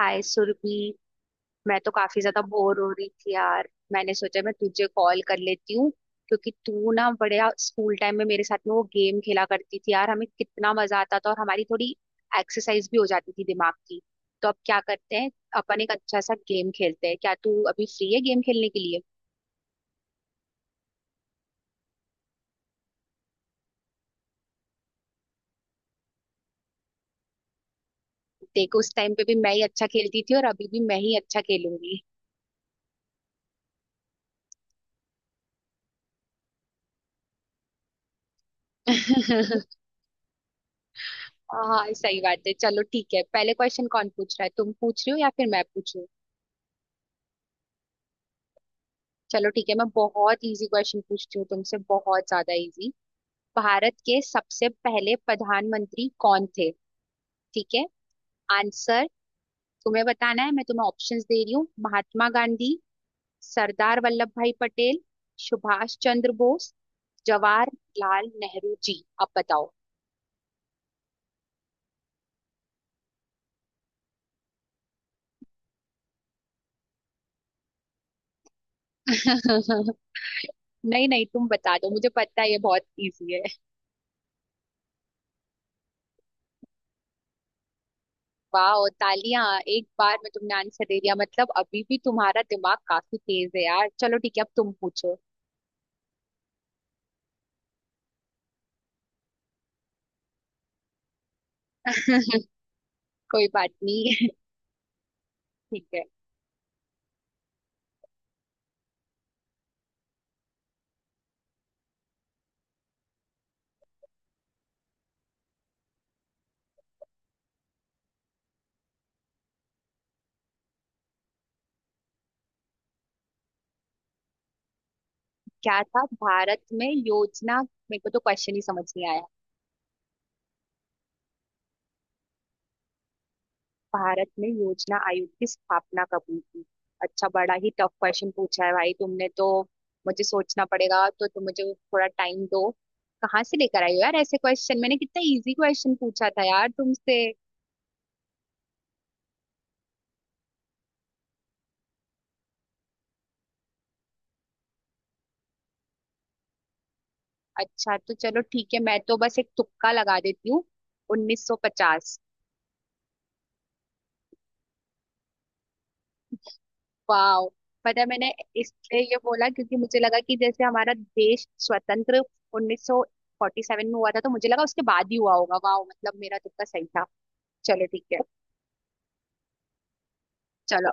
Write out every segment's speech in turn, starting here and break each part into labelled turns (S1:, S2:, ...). S1: हाय सुरभि। मैं तो काफी ज्यादा बोर हो रही थी यार। मैंने सोचा मैं तुझे कॉल कर लेती हूँ, क्योंकि तू ना बड़े स्कूल टाइम में मेरे साथ में वो गेम खेला करती थी यार, हमें कितना मजा आता था और हमारी थोड़ी एक्सरसाइज भी हो जाती थी दिमाग की। तो अब क्या करते हैं, अपन एक अच्छा सा गेम खेलते हैं। क्या तू अभी फ्री है गेम खेलने के लिए? देख उस टाइम पे भी मैं ही अच्छा खेलती थी और अभी भी मैं ही अच्छा खेलूंगी। हाँ सही बात है, चलो ठीक है, पहले क्वेश्चन कौन पूछ रहा है, तुम पूछ रही हो या फिर मैं पूछूं? चलो ठीक है, मैं बहुत इजी क्वेश्चन पूछती हूँ तुमसे, बहुत ज्यादा इजी। भारत के सबसे पहले प्रधानमंत्री कौन थे? ठीक है, आंसर तुम्हें बताना है। मैं तुम्हें ऑप्शंस दे रही हूँ। महात्मा गांधी, सरदार वल्लभ भाई पटेल, सुभाष चंद्र बोस, जवाहरलाल नेहरू जी। अब बताओ। नहीं नहीं तुम बता दो, मुझे पता है ये बहुत इजी है। वाह, तालियां। एक बार में तुमने आंसर दे दिया, मतलब अभी भी तुम्हारा दिमाग काफी तेज है यार। चलो ठीक है, अब तुम पूछो। कोई बात नहीं। ठीक है। क्या था भारत में योजना? मेरे को तो क्वेश्चन ही समझ नहीं आया। भारत में योजना आयोग की स्थापना कब हुई थी? अच्छा, बड़ा ही टफ क्वेश्चन पूछा है भाई तुमने तो। मुझे सोचना पड़ेगा, तो तुम मुझे थोड़ा टाइम दो। कहाँ से लेकर आई हो यार ऐसे क्वेश्चन, मैंने कितना इजी क्वेश्चन पूछा था यार तुमसे। अच्छा तो चलो ठीक है, मैं तो बस एक तुक्का लगा देती हूँ। 1950। वाह, पता है मैंने इसलिए ये बोला क्योंकि मुझे लगा कि जैसे हमारा देश स्वतंत्र 1947 में हुआ था, तो मुझे लगा उसके बाद ही हुआ होगा। वाह, मतलब मेरा तुक्का सही था। चलो ठीक है। चलो,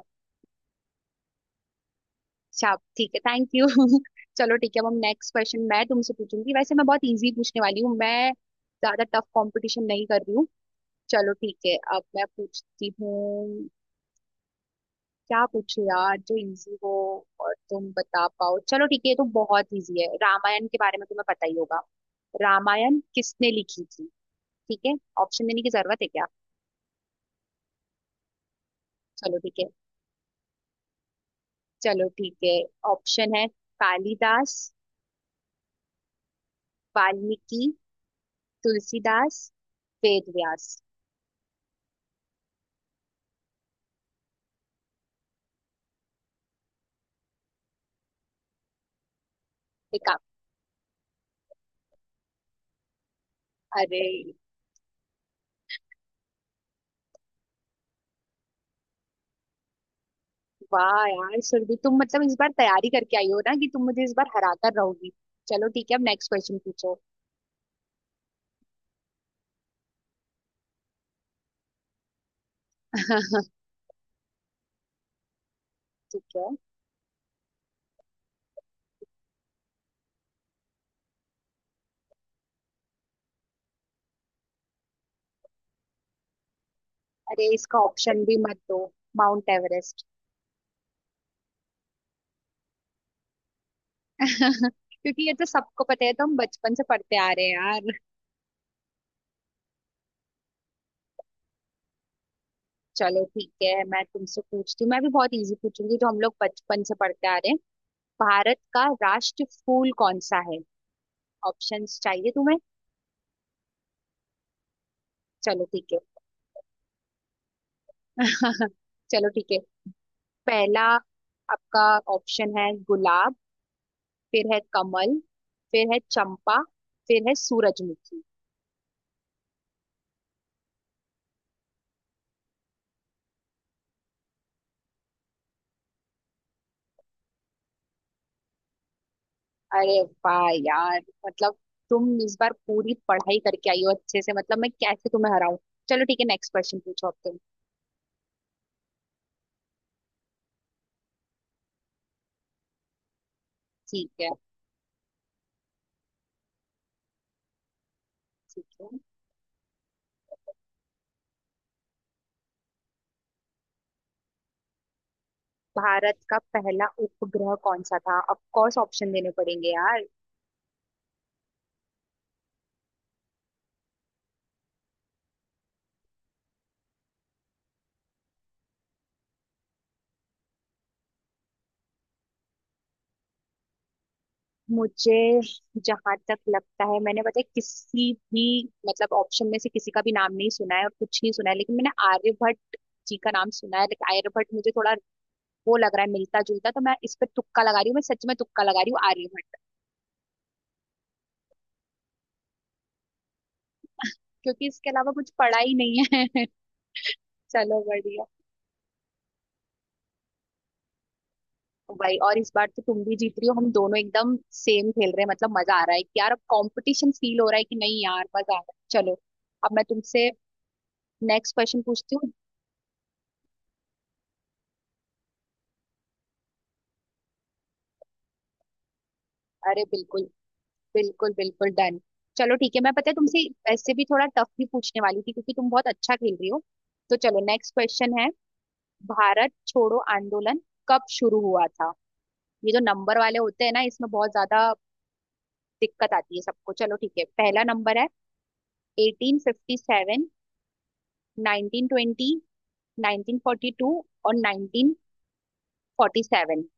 S1: अच्छा ठीक है, थैंक यू। चलो ठीक है, अब हम नेक्स्ट क्वेश्चन मैं तुमसे पूछूंगी। वैसे मैं बहुत इजी पूछने वाली हूँ, मैं ज्यादा टफ कंपटीशन नहीं कर रही हूँ। चलो ठीक है, अब मैं पूछती हूँ। क्या पूछो यार जो इजी हो और तुम बता पाओ। चलो ठीक है, ये तो बहुत इजी है, रामायण के बारे में तुम्हें पता ही होगा। रामायण किसने लिखी थी? ठीक है, ऑप्शन देने की जरूरत है क्या? चलो ठीक है। चलो ठीक है, ऑप्शन है कालिदास, वाल्मीकि, तुलसीदास, वेद व्यास। ठीक है। अरे वाह यार सुरभि, तुम मतलब इस बार तैयारी करके आई हो ना कि तुम मुझे इस बार हरा कर रहोगी। चलो ठीक है, अब नेक्स्ट क्वेश्चन पूछो। ठीक है। अरे इसका ऑप्शन भी मत दो, माउंट एवरेस्ट। क्योंकि ये तो सबको पता है, तो हम बचपन से पढ़ते आ रहे हैं यार। चलो ठीक है, मैं तुमसे पूछती हूँ, मैं भी बहुत इजी पूछूंगी, जो हम लोग बचपन से पढ़ते आ रहे हैं। भारत का राष्ट्र फूल कौन सा है? ऑप्शंस चाहिए तुम्हें? चलो ठीक है। चलो ठीक है। पहला आपका ऑप्शन है गुलाब, फिर है कमल, फिर है चंपा, फिर है सूरजमुखी। अरे वाह यार, मतलब तुम इस बार पूरी पढ़ाई करके आई हो अच्छे से, मतलब मैं कैसे तुम्हें हराऊं। चलो ठीक है, नेक्स्ट क्वेश्चन पूछो अब तुम। ठीक है। ठीक है। भारत का पहला उपग्रह कौन सा था? ऑफ कोर्स ऑप्शन देने पड़ेंगे यार। मुझे जहां तक लगता है, मैंने पता है किसी भी मतलब ऑप्शन में से किसी का भी नाम नहीं सुना है और कुछ नहीं सुना है, लेकिन मैंने आर्यभट्ट जी का नाम सुना है। लेकिन आर्यभट्ट मुझे थोड़ा वो लग रहा है मिलता जुलता, तो मैं इस पर तुक्का लगा रही हूँ, मैं सच में तुक्का लगा रही हूँ, आर्यभट्ट। क्योंकि इसके अलावा कुछ पढ़ा ही नहीं है। चलो बढ़िया। भाई, और इस बार तो तुम भी जीत रही हो, हम दोनों एकदम सेम खेल रहे हैं, मतलब मजा आ रहा है कि यार अब कंपटीशन फील हो रहा है कि नहीं। यार मजा आ रहा है। चलो, अब मैं तुमसे नेक्स्ट क्वेश्चन पूछती हूँ। अरे बिल्कुल बिल्कुल, बिल्कुल डन। चलो ठीक है, मैं पता है तुमसे ऐसे भी थोड़ा टफ भी पूछने वाली थी, क्योंकि तुम बहुत अच्छा खेल रही हो। तो चलो, नेक्स्ट क्वेश्चन है, भारत छोड़ो आंदोलन कब शुरू हुआ था? ये जो नंबर वाले होते हैं ना, इसमें बहुत ज्यादा दिक्कत आती है सबको। चलो ठीक है, पहला नंबर है 1857, 1920, 1942 और 1947।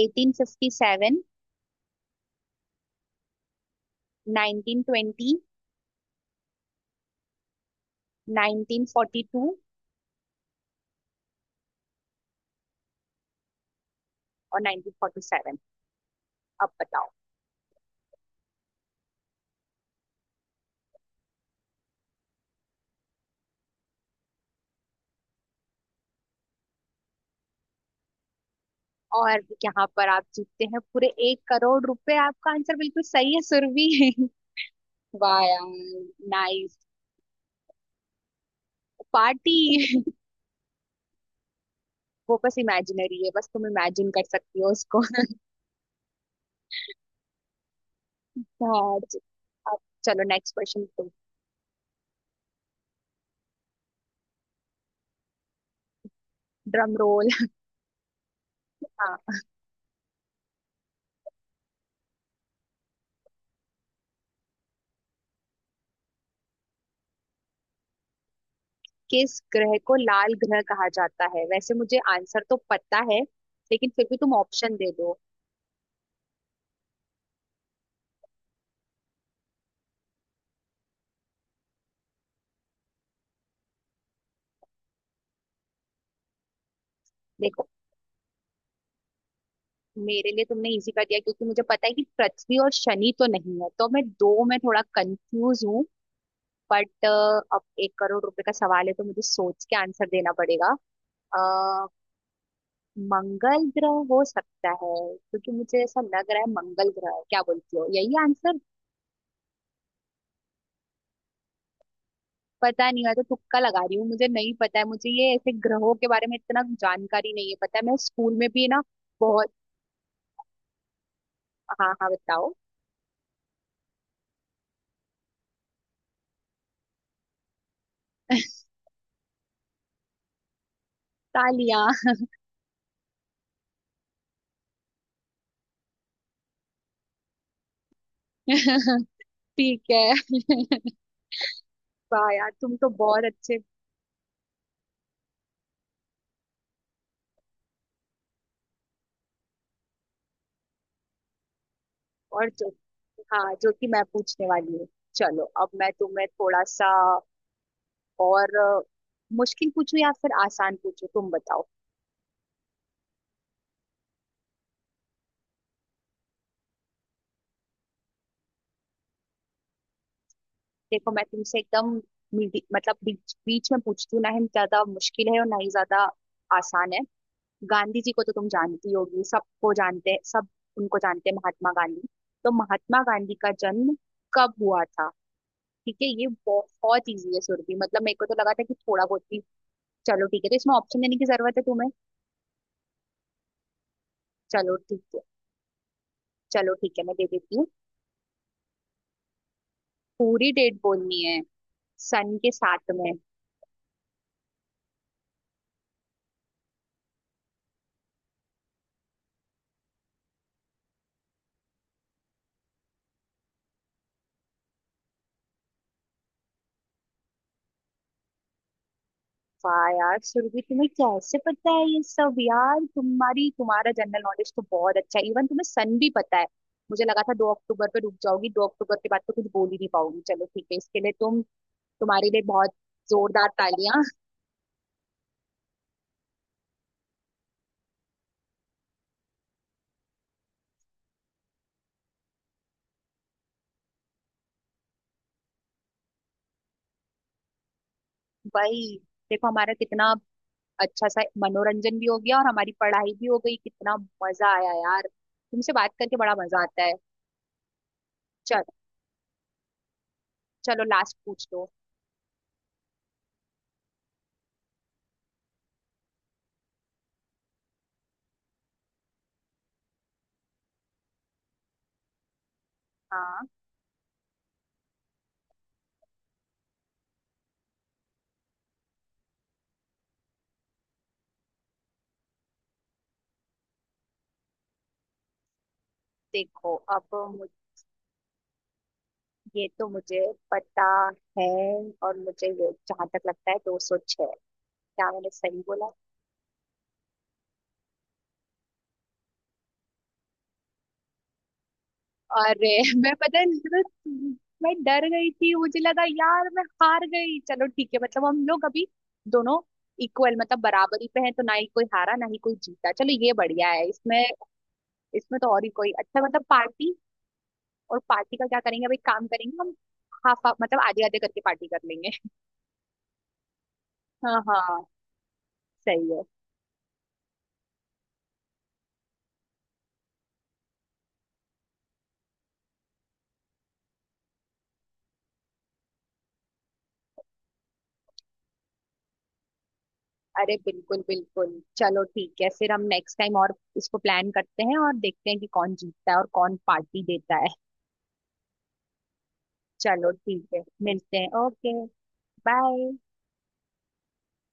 S1: 1857, 1920, 1942 और 1947। अब बताओ। और यहाँ पर आप जीतते हैं पूरे 1,00,00,000 रुपए। आपका आंसर बिल्कुल सही है सुरभि। वाह यार, नाइस, पार्टी। वो बस इमेजिनरी है, बस तुम इमेजिन कर सकती हो उसको। हाँ, च- अब चलो नेक्स्ट क्वेश्चन तुम। Drum role. हाँ। किस ग्रह को लाल ग्रह कहा जाता है? वैसे मुझे आंसर तो पता है, लेकिन फिर भी तुम ऑप्शन दे दो। देखो मेरे लिए तुमने इजी कर दिया, क्योंकि मुझे पता है कि पृथ्वी और शनि तो नहीं है, तो मैं दो में थोड़ा कंफ्यूज हूँ। बट अब 1,00,00,000 रुपए का सवाल है, तो मुझे सोच के आंसर देना पड़ेगा। अ, मंगल ग्रह हो सकता है, क्योंकि मुझे ऐसा लग रहा है मंगल ग्रह है। क्या बोलती हो, यही आंसर? पता नहीं, मैं तो तुक्का लगा रही हूँ, मुझे नहीं पता है, मुझे ये ऐसे ग्रहों के बारे में इतना जानकारी नहीं है। पता है मैं स्कूल में भी ना बहुत। हाँ हाँ बताओ। तालियां। ठीक है। वाह यार, तुम तो बहुत अच्छे। और जो, हाँ, जो कि मैं पूछने वाली हूँ। चलो, अब मैं तुम्हें थोड़ा सा और मुश्किल पूछूं या फिर आसान पूछूं, तुम बताओ। देखो मैं तुमसे एकदम मतलब बीच बीच में पूछती हूँ, ना ही ज्यादा मुश्किल है और ना ही ज्यादा आसान है। गांधी जी को तो तुम जानती होगी, सबको जानते हैं सब, उनको जानते हैं, महात्मा गांधी। तो महात्मा गांधी का जन्म कब हुआ था? ठीक है, ये बहुत इजी है सुरभि, मतलब मेरे को तो लगा था कि थोड़ा बहुत भी। चलो ठीक है, तो इसमें ऑप्शन देने की जरूरत है तुम्हें? चलो ठीक है। चलो ठीक है, मैं दे देती हूँ। पूरी डेट बोलनी है, सन के साथ में। वाह यार सुरभि, तुम्हें कैसे पता है ये सब यार। तुम्हारी तुम्हारा जनरल नॉलेज तो बहुत अच्छा है, इवन तुम्हें सन भी पता है। मुझे लगा था 2 अक्टूबर पे रुक जाओगी, 2 अक्टूबर के बाद तो कुछ बोल ही नहीं पाऊंगी। चलो ठीक है, इसके लिए तुम, तुम्हारे लिए बहुत जोरदार तालियां। भाई, देखो हमारा कितना अच्छा सा मनोरंजन भी हो गया और हमारी पढ़ाई भी हो गई। कितना मजा आया यार, तुमसे बात करके बड़ा मजा आता है। चल चलो लास्ट पूछ लो। हाँ। देखो अब, ये तो मुझे पता है, और मुझे ये जहां तक लगता है 206। क्या मैंने सही बोला? अरे। मैं पता है मतलब, मैं डर गई थी, मुझे लगा यार मैं हार गई। चलो ठीक है, मतलब हम लोग अभी दोनों इक्वल, मतलब बराबरी पे हैं। तो ना ही कोई हारा ना ही कोई जीता, चलो ये बढ़िया है। इसमें, इसमें तो और ही कोई अच्छा, मतलब पार्टी, और पार्टी का क्या करेंगे, अभी काम करेंगे हम। हाफ हाफ, मतलब आधे आधे करके पार्टी कर लेंगे। हाँ हाँ सही है। अरे बिल्कुल बिल्कुल। चलो ठीक है, फिर हम नेक्स्ट टाइम और इसको प्लान करते हैं और देखते हैं कि कौन जीतता है और कौन पार्टी देता है। चलो ठीक है, मिलते हैं, ओके बाय।